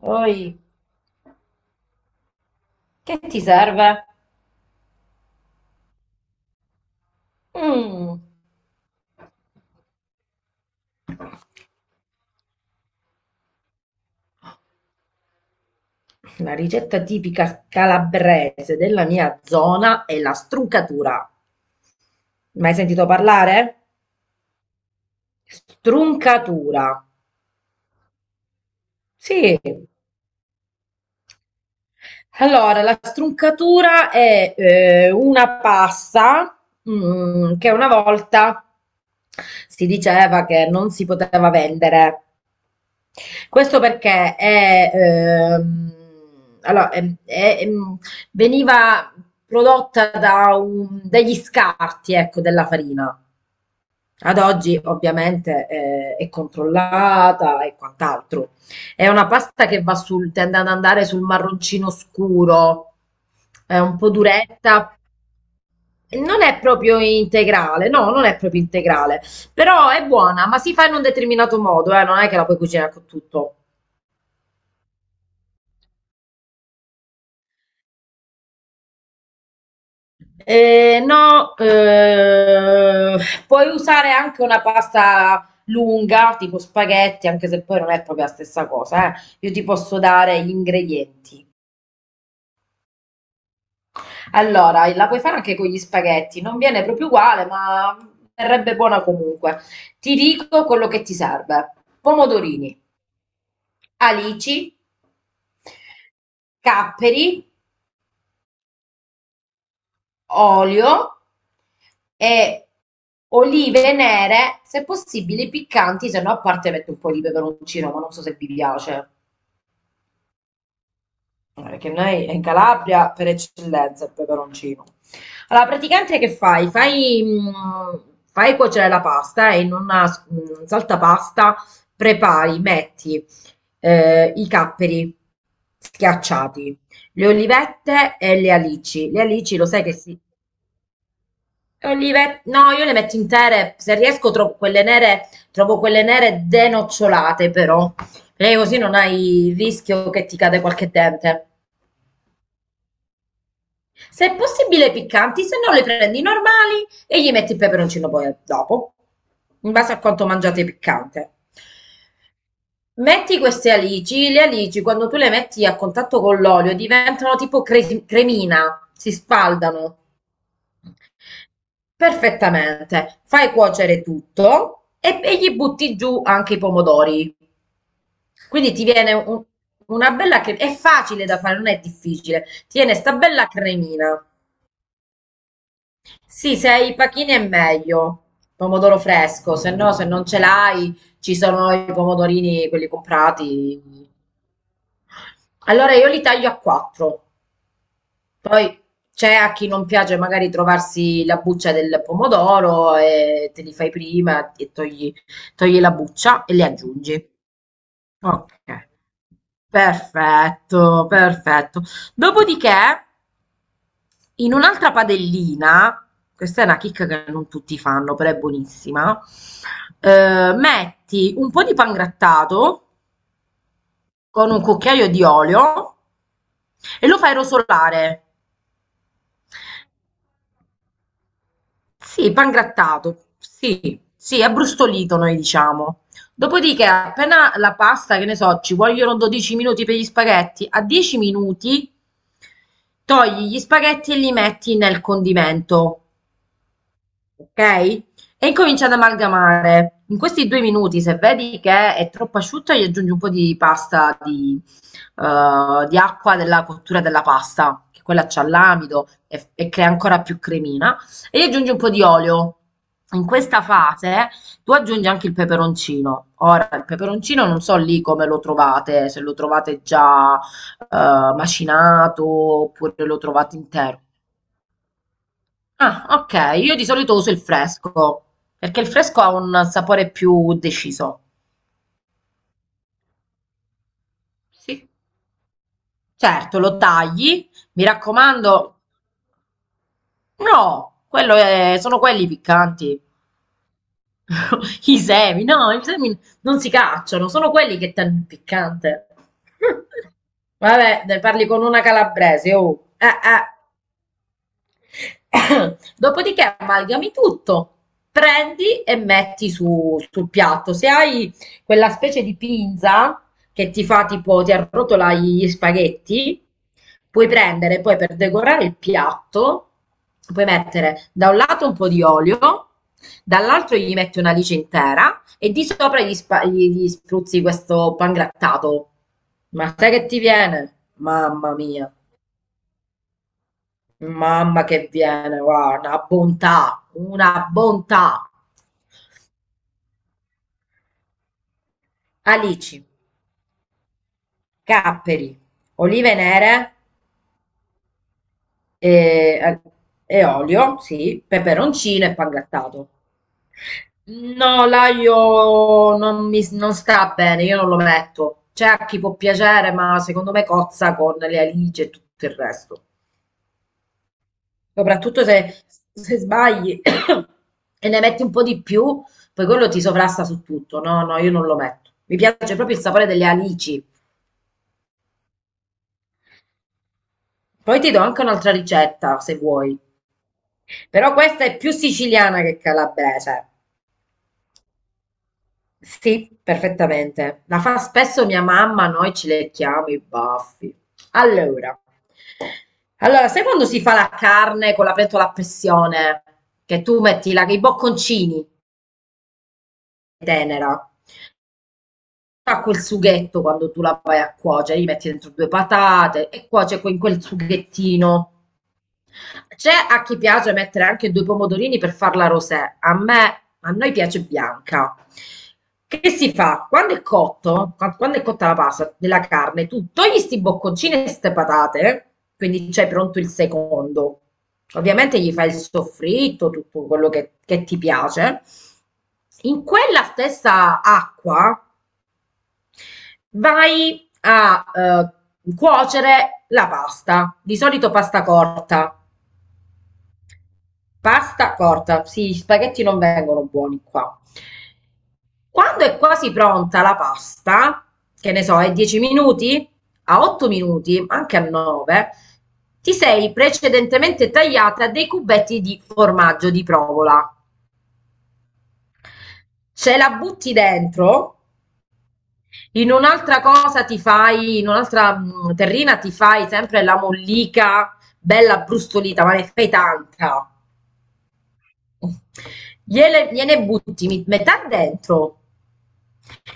Oi, che ti serve? Mm. La ricetta tipica calabrese della mia zona è la struncatura. Mai sentito parlare? Struncatura. Sì. Allora, la struncatura è una pasta che una volta si diceva che non si poteva vendere. Questo perché è, allora, è- veniva prodotta dagli scarti, ecco, della farina. Ad oggi ovviamente è controllata e quant'altro. È una pasta che tende ad andare sul marroncino scuro, è un po' duretta, non è proprio integrale, no, non è proprio integrale, però è buona, ma si fa in un determinato modo, non è che la puoi cucinare con tutto. No, puoi usare anche una pasta lunga, tipo spaghetti, anche se poi non è proprio la stessa cosa, eh. Io ti posso dare gli ingredienti. Allora, la puoi fare anche con gli spaghetti, non viene proprio uguale, ma verrebbe buona comunque. Ti dico quello che ti serve: pomodorini, alici, capperi, olio e olive nere, se possibile piccanti, se no a parte metto un po' di peperoncino, ma non so se vi piace. Perché noi in Calabria per eccellenza il peperoncino. Allora, praticamente che fai? Fai cuocere la pasta e in una saltapasta prepari, metti i capperi schiacciati, le olivette e le alici. Le alici lo sai che si... no, io le metto intere, se riesco trovo quelle nere denocciolate però, perché così non hai il rischio che ti cade qualche dente. Se è possibile piccanti, se no le prendi normali e gli metti il peperoncino poi dopo, in base a quanto mangiate piccante. Metti queste alici, le alici quando tu le metti a contatto con l'olio diventano tipo cremina, si spaldano. Perfettamente. Fai cuocere tutto e gli butti giù anche i pomodori. Quindi ti viene un- una bella cremina. È facile da fare, non è difficile. Ti viene sta bella cremina. Sì, se hai i pachini è meglio. Pomodoro fresco, se no, se non ce l'hai, ci sono i pomodorini, quelli comprati. Allora io li taglio a quattro. Poi c'è a chi non piace magari trovarsi la buccia del pomodoro e te li fai prima e togli, togli la buccia e li aggiungi. Ok, perfetto, perfetto. Dopodiché, in un'altra padellina, questa è una chicca che non tutti fanno, però è buonissima, metti un po' di pangrattato con un cucchiaio di olio e lo fai rosolare. Sì, pangrattato, sì, sì, abbrustolito noi diciamo. Dopodiché, appena la pasta, che ne so, ci vogliono 12 minuti per gli spaghetti, a 10 minuti togli gli spaghetti e li metti nel condimento, ok? E incominci ad amalgamare. In questi due minuti, se vedi che è troppo asciutta, gli aggiungi un po' di acqua della cottura della pasta, che quella c'ha l'amido e crea ancora più cremina, e gli aggiungi un po' di olio. In questa fase tu aggiungi anche il peperoncino. Ora, il peperoncino non so lì come lo trovate, se lo trovate già macinato oppure lo trovate intero. Ah, ok. Io di solito uso il fresco, perché il fresco ha un sapore più deciso. Sì. Certo, lo tagli, mi raccomando. No, sono quelli piccanti. I semi, no, i semi non si cacciano, sono quelli che danno il piccante. Vabbè, ne parli con una calabrese, oh. Eh. Dopodiché amalgami tutto, prendi e sul piatto. Se hai quella specie di pinza che ti fa tipo, ti arrotola gli spaghetti, puoi prendere poi per decorare il piatto, puoi mettere da un lato un po' di olio, dall'altro gli metti una lice intera e di sopra gli spruzzi questo pangrattato. Ma sai che ti viene? Mamma mia! Mamma che viene, guarda, una bontà, una bontà. Alici, capperi, olive nere e, e olio, sì, peperoncino e pangrattato. No, l'aglio non sta bene, io non lo metto. C'è a chi può piacere, ma secondo me cozza con le alici e tutto il resto. Soprattutto se sbagli e ne metti un po' di più, poi quello ti sovrasta su tutto. No, no, io non lo metto. Mi piace proprio il sapore delle alici. Poi ti do anche un'altra ricetta, se vuoi. Però questa è più siciliana che calabrese. Sì, perfettamente. La fa spesso mia mamma, noi ci lecchiamo i baffi. Allora, allora, sai quando si fa la carne con la pentola a pressione? Che tu metti i bocconcini tenera. Fa quel sughetto quando tu la vai a cuocere, cioè gli metti dentro due patate e cuoce in quel sughettino. C'è a chi piace mettere anche due pomodorini per farla rosé. A me, a noi piace bianca. Che si fa? Quando è quando è cotta la pasta della carne, tu togli sti bocconcini e ste patate, quindi c'è pronto il secondo. Ovviamente gli fai il soffritto, tutto quello che ti piace. In quella stessa acqua vai a cuocere la pasta, di solito pasta corta. Pasta corta, sì, gli spaghetti non vengono buoni qua. Quando è quasi pronta la pasta, che ne so, è 10 minuti, a 8 minuti, anche a 9, ti sei precedentemente tagliata dei cubetti di formaggio di provola. Ce la butti dentro. In un'altra cosa ti fai, in un'altra terrina ti fai sempre la mollica bella brustolita, ma ne fai tanta. Gliene butti metà dentro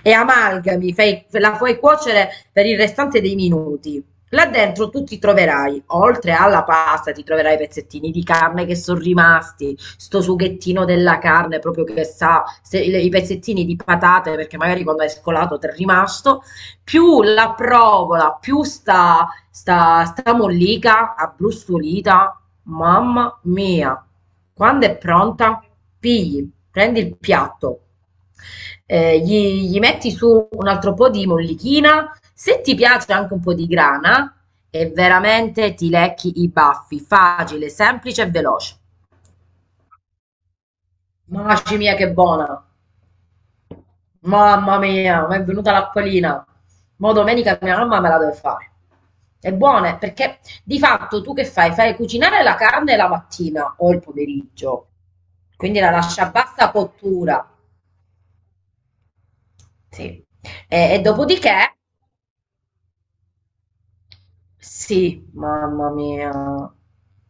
e amalgami, la fai cuocere per il restante dei minuti. Là dentro tu ti troverai, oltre alla pasta, ti troverai i pezzettini di carne che sono rimasti, sto sughettino della carne proprio che sa, i pezzettini di patate, perché magari quando hai scolato ti è rimasto, più la provola, più sta mollica, abbrustolita, mamma mia. Quando è pronta, prendi il piatto, gli metti su un altro po' di mollichina, se ti piace anche un po' di grana e veramente ti lecchi i baffi, facile, semplice e veloce. Mamma mia che buona, mamma mia, mi è venuta l'acquolina, ma domenica mia mamma me la deve fare. È buona perché di fatto tu che fai? Fai cucinare la carne la mattina o il pomeriggio, quindi la lascia a bassa cottura, sì. E dopodiché, sì, mamma mia.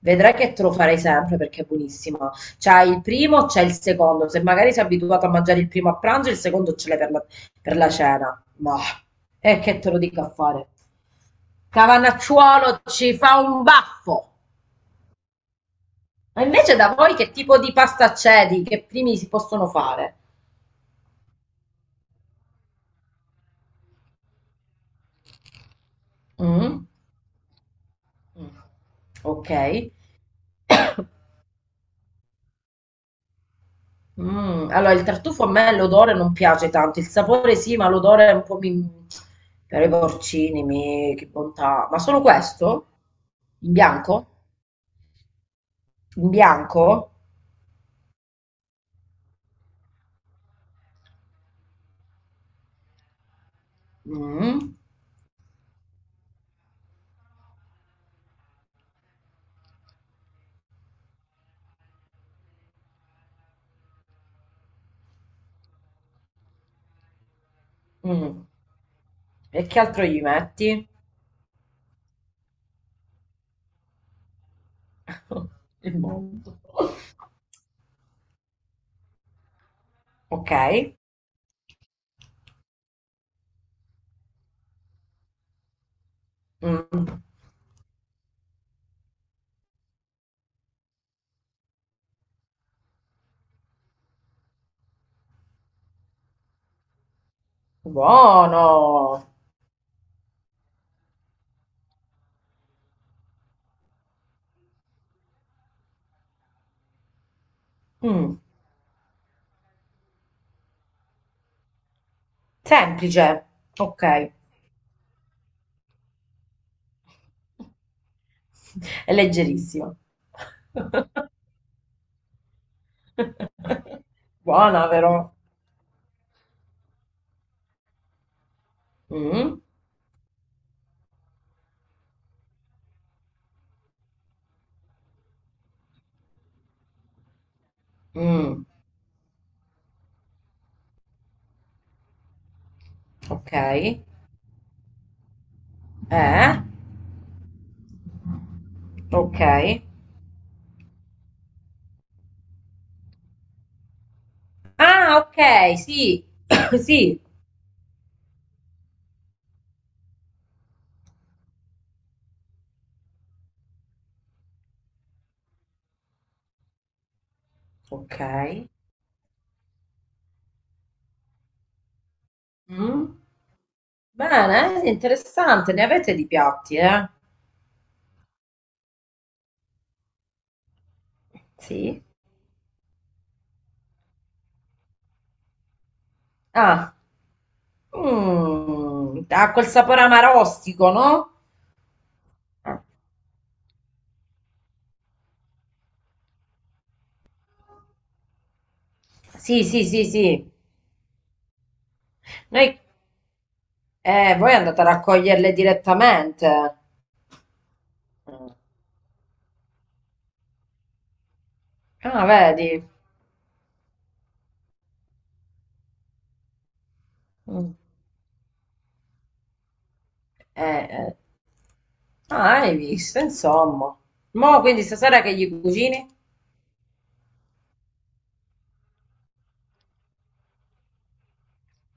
Vedrai che te lo farei sempre perché è buonissima. C'hai il primo, c'è il secondo. Se magari sei abituato a mangiare il primo a pranzo, il secondo ce l'hai per per la cena. E che te lo dico a fare? Cavanacciuolo ci fa un baffo. Ma invece da voi che tipo di pasta c'è? Di che primi si possono fare? Mm? Mm. Ok. Mm, allora, il tartufo a me l'odore non piace tanto, il sapore sì, ma l'odore è un po' mi... per i porcini, mi... che bontà. Ma solo questo? In bianco? In bianco? Mm, mm. E che altro gli metti? Il mondo. Ok. Mm. Buono. Mm. Semplice. Ok. È leggerissimo. Buona, vero? Mm, mm, ok. Eh? Ok. Ah, ok, sì. Sì. Ok. Mm. Bene, interessante. Ne avete di piatti, eh? Sì. Ah. Mm, ha quel sapore amarostico, no? Sì, sì, sì, sì. Noi, voi andate a raccoglierle direttamente. Ah, vedi. Mm. Eh. Ah, hai visto, insomma. Mo' quindi stasera che gli cucini?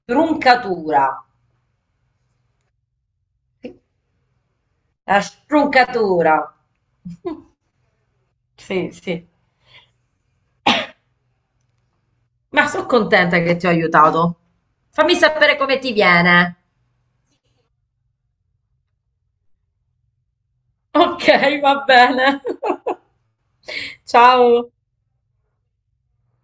Truncatura. La struncatura. Sì, sì. Ma sono contenta che ti ho aiutato. Fammi sapere come ti viene. Ok, va bene. Ciao.